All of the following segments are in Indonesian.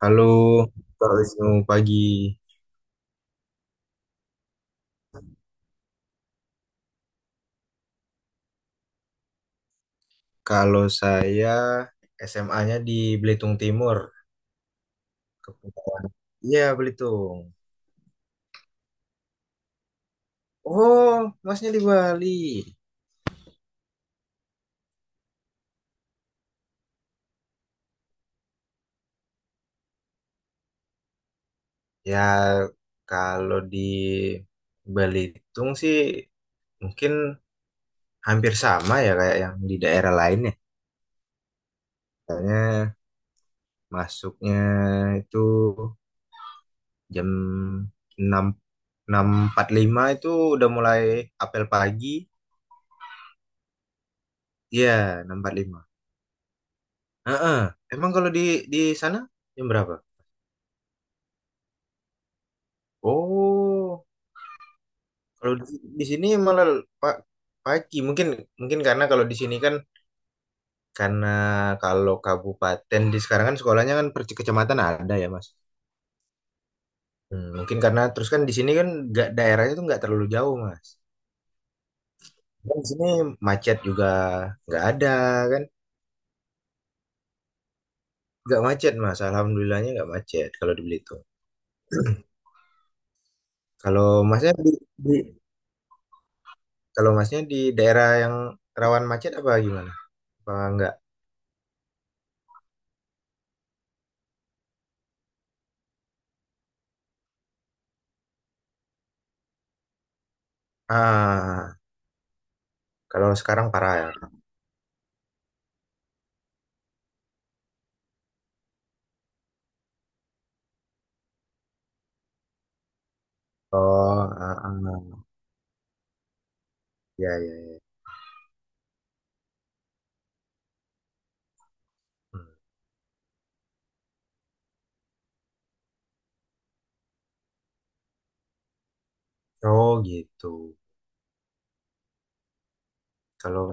Halo, Kak Wisnu pagi. Kalau saya SMA-nya di Belitung Timur, Kepulauan. Iya, Belitung. Oh, masnya di Bali. Ya, kalau di Belitung sih mungkin hampir sama ya kayak yang di daerah lain ya. Soalnya masuknya itu jam enam 6:45 itu udah mulai apel pagi. Iya, 6:45. Heeh. Emang kalau di sana jam berapa? Oh, kalau di sini malah pak pagi. Mungkin mungkin karena kalau di sini kan karena kalau kabupaten di sekarang kan sekolahnya kan per kecamatan ada ya, Mas. Hmm, mungkin karena terus kan di sini kan nggak daerahnya tuh nggak terlalu jauh, Mas. Dan di sini macet juga nggak ada kan? Nggak macet, Mas. Alhamdulillahnya nggak macet kalau di Belitung. Kalau Masnya di- kalau Masnya di daerah yang rawan macet apa gimana? Apa enggak? Ah, kalau sekarang parah ya. Oh, ah, ah, ya, ya, ya. Hmm. Oh, gitu. Kalau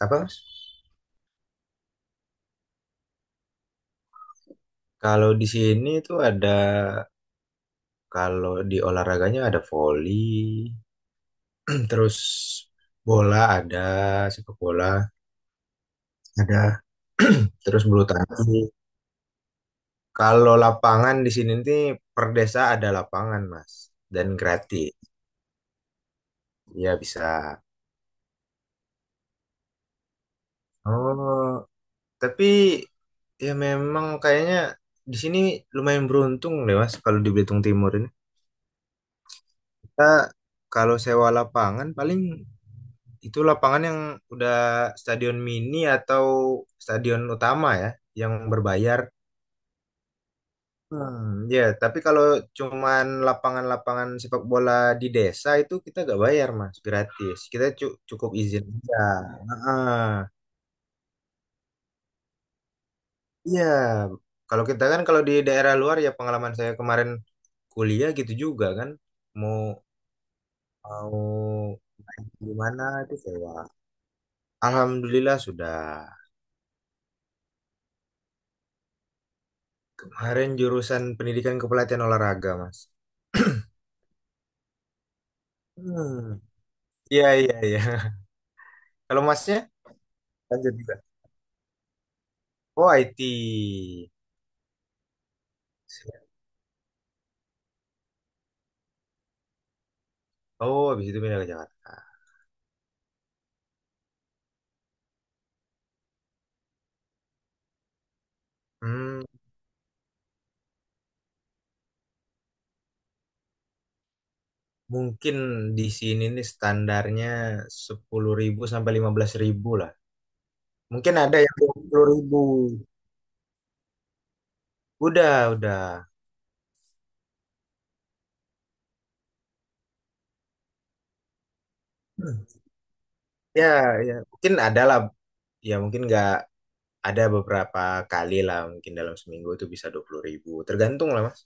apa? Mas? Kalau di sini tuh ada, kalau di olahraganya ada voli, terus bola ada, sepak bola ada, terus bulu tangkis. Kalau lapangan di sini nih per desa ada lapangan, Mas, dan gratis. Ya bisa. Oh. Tapi ya memang kayaknya di sini lumayan beruntung deh Mas kalau di Belitung Timur ini. Kita kalau sewa lapangan paling itu lapangan yang udah stadion mini atau stadion utama ya yang berbayar. Hmm, ya, tapi kalau cuman lapangan-lapangan sepak bola di desa itu kita gak bayar Mas, gratis. Kita cukup izin aja. Heeh. Iya, kalau kita kan kalau di daerah luar ya pengalaman saya kemarin kuliah gitu juga kan mau mau main di mana itu sewa. Alhamdulillah sudah. Kemarin jurusan pendidikan kepelatihan olahraga, Mas. Hmm. Iya, iya, iya. Kalau Masnya lanjut juga. Oh, IT. Oh, habis itu pindah ke Jakarta. Hmm, mungkin di sini nih standarnya 10 ribu sampai 15 ribu lah. Mungkin ada yang 20 ribu. Udah, udah. Ya, ya. Mungkin ada lah. Ya, mungkin nggak ada beberapa kali lah. Mungkin dalam seminggu itu bisa 20 ribu. Tergantung lah, Mas.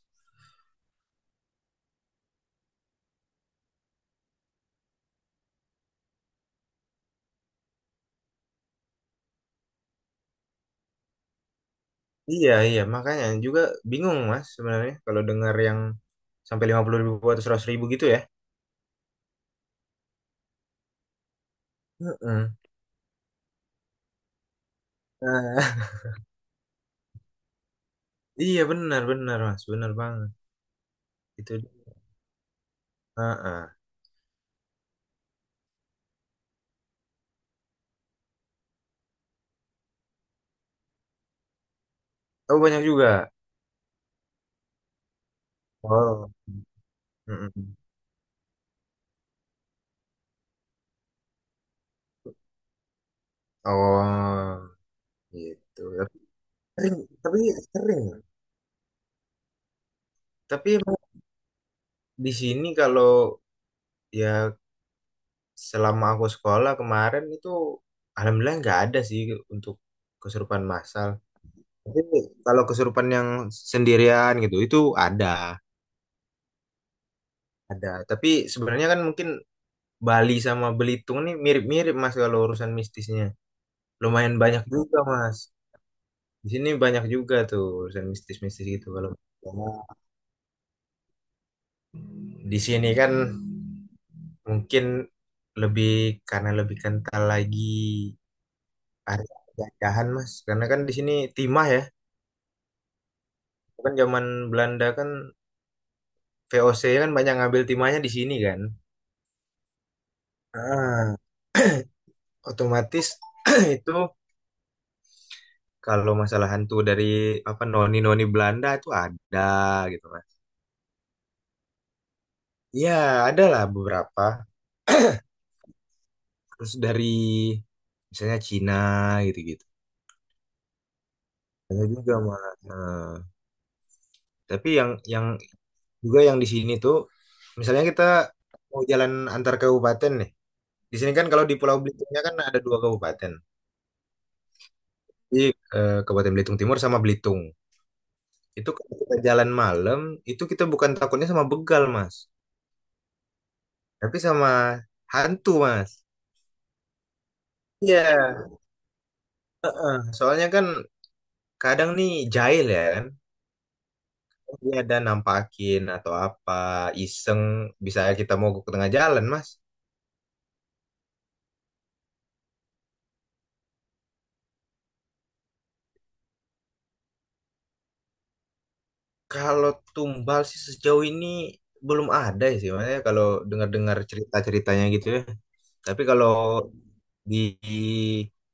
Iya, iya. Makanya juga bingung, Mas, sebenarnya. Kalau dengar yang sampai 50 ribu atau 100 ribu gitu ya. Heeh. Nah, iya, benar, benar, Mas. Benar banget. Itu. Heeh. Oh, banyak juga. Oh. Heeh. Oh, gitu. Tapi sering, tapi sering. Tapi emang di sini kalau ya selama aku sekolah kemarin itu alhamdulillah nggak ada sih untuk kesurupan massal. Tapi kalau kesurupan yang sendirian gitu itu ada, ada. Tapi sebenarnya kan mungkin Bali sama Belitung nih mirip-mirip Mas kalau urusan mistisnya. Lumayan banyak juga Mas. Di sini banyak juga tuh urusan mistis-mistis gitu kalau karena di sini kan mungkin lebih karena lebih kental lagi area penjajahan Mas. Karena kan di sini timah ya. Kan zaman Belanda kan VOC kan banyak ngambil timahnya di sini kan. Ah, otomatis itu kalau masalah hantu dari apa noni-noni Belanda itu ada gitu kan. Iya, ada lah beberapa. Terus dari misalnya Cina gitu-gitu. Ada juga mah. Eh, tapi yang juga yang di sini tuh misalnya kita mau jalan antar kabupaten nih. Di sini kan kalau di Pulau Belitungnya kan ada dua kabupaten. Di eh, Kabupaten Belitung Timur sama Belitung. Itu kalau kita jalan malam, itu kita bukan takutnya sama begal, Mas. Tapi sama hantu, Mas. Iya. Soalnya kan kadang nih jahil ya kan. Dia ada nampakin atau apa, iseng, bisa kita mogok ke tengah jalan, Mas. Kalau tumbal sih sejauh ini belum ada sih, Mas. Ya, kalau dengar-dengar cerita-ceritanya gitu ya. Tapi kalau di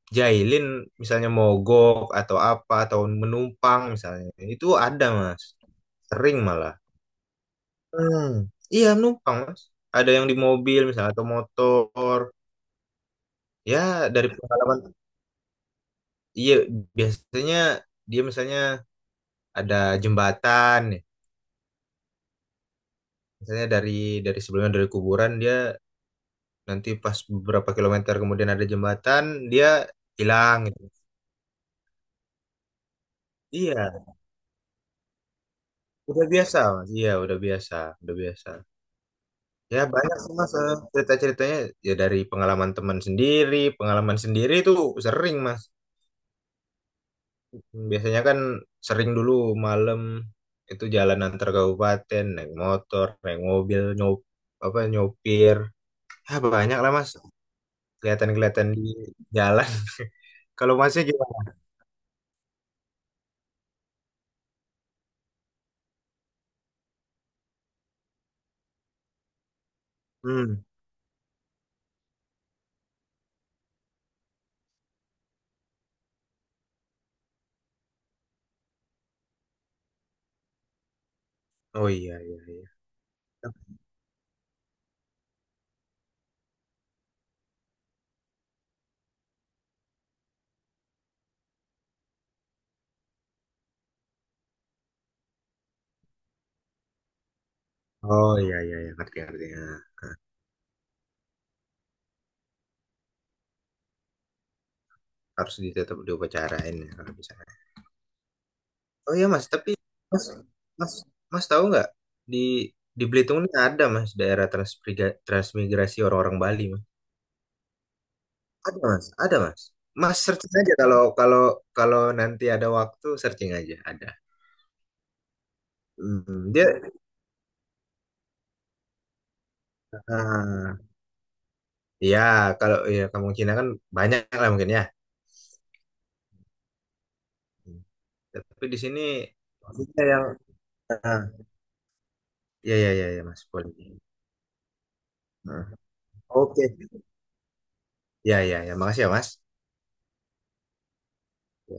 dijailin misalnya mogok atau apa atau menumpang misalnya itu ada mas sering malah. Hmm, iya numpang mas. Ada yang di mobil misalnya atau motor. Ya dari pengalaman, iya biasanya dia misalnya ada jembatan, nih. Misalnya dari sebelumnya dari kuburan dia nanti pas beberapa kilometer kemudian ada jembatan dia hilang gitu. Iya, udah biasa mas. Iya udah biasa, udah biasa. Ya banyak sih mas eh, cerita-ceritanya ya dari pengalaman teman sendiri, pengalaman sendiri itu sering mas. Biasanya kan sering dulu malam itu jalan antar kabupaten, naik motor, naik mobil, nyopir. Ah, banyak lah Mas, kelihatan-kelihatan di jalan. Kalau Masnya gimana? Hmm. Oh iya iya iya. Oh iya iya iya ngerti ngerti. Ya. Harus ditetap diupacarain ya kalau bisa. Oh iya Mas, tapi Mas Mas Mas tahu nggak di di Belitung ini ada Mas daerah transmigrasi orang-orang Bali. Ada mas, ada mas. Mas searching aja kalau kalau kalau nanti ada waktu searching aja ada. Hmm, dia ah, ya kalau ya kampung Cina kan banyak lah mungkin ya. Hmm. Tapi di sini maksudnya yang ah, ya ya ya ya mas boleh. Ah, oke. Ya ya ya makasih ya mas. Ya.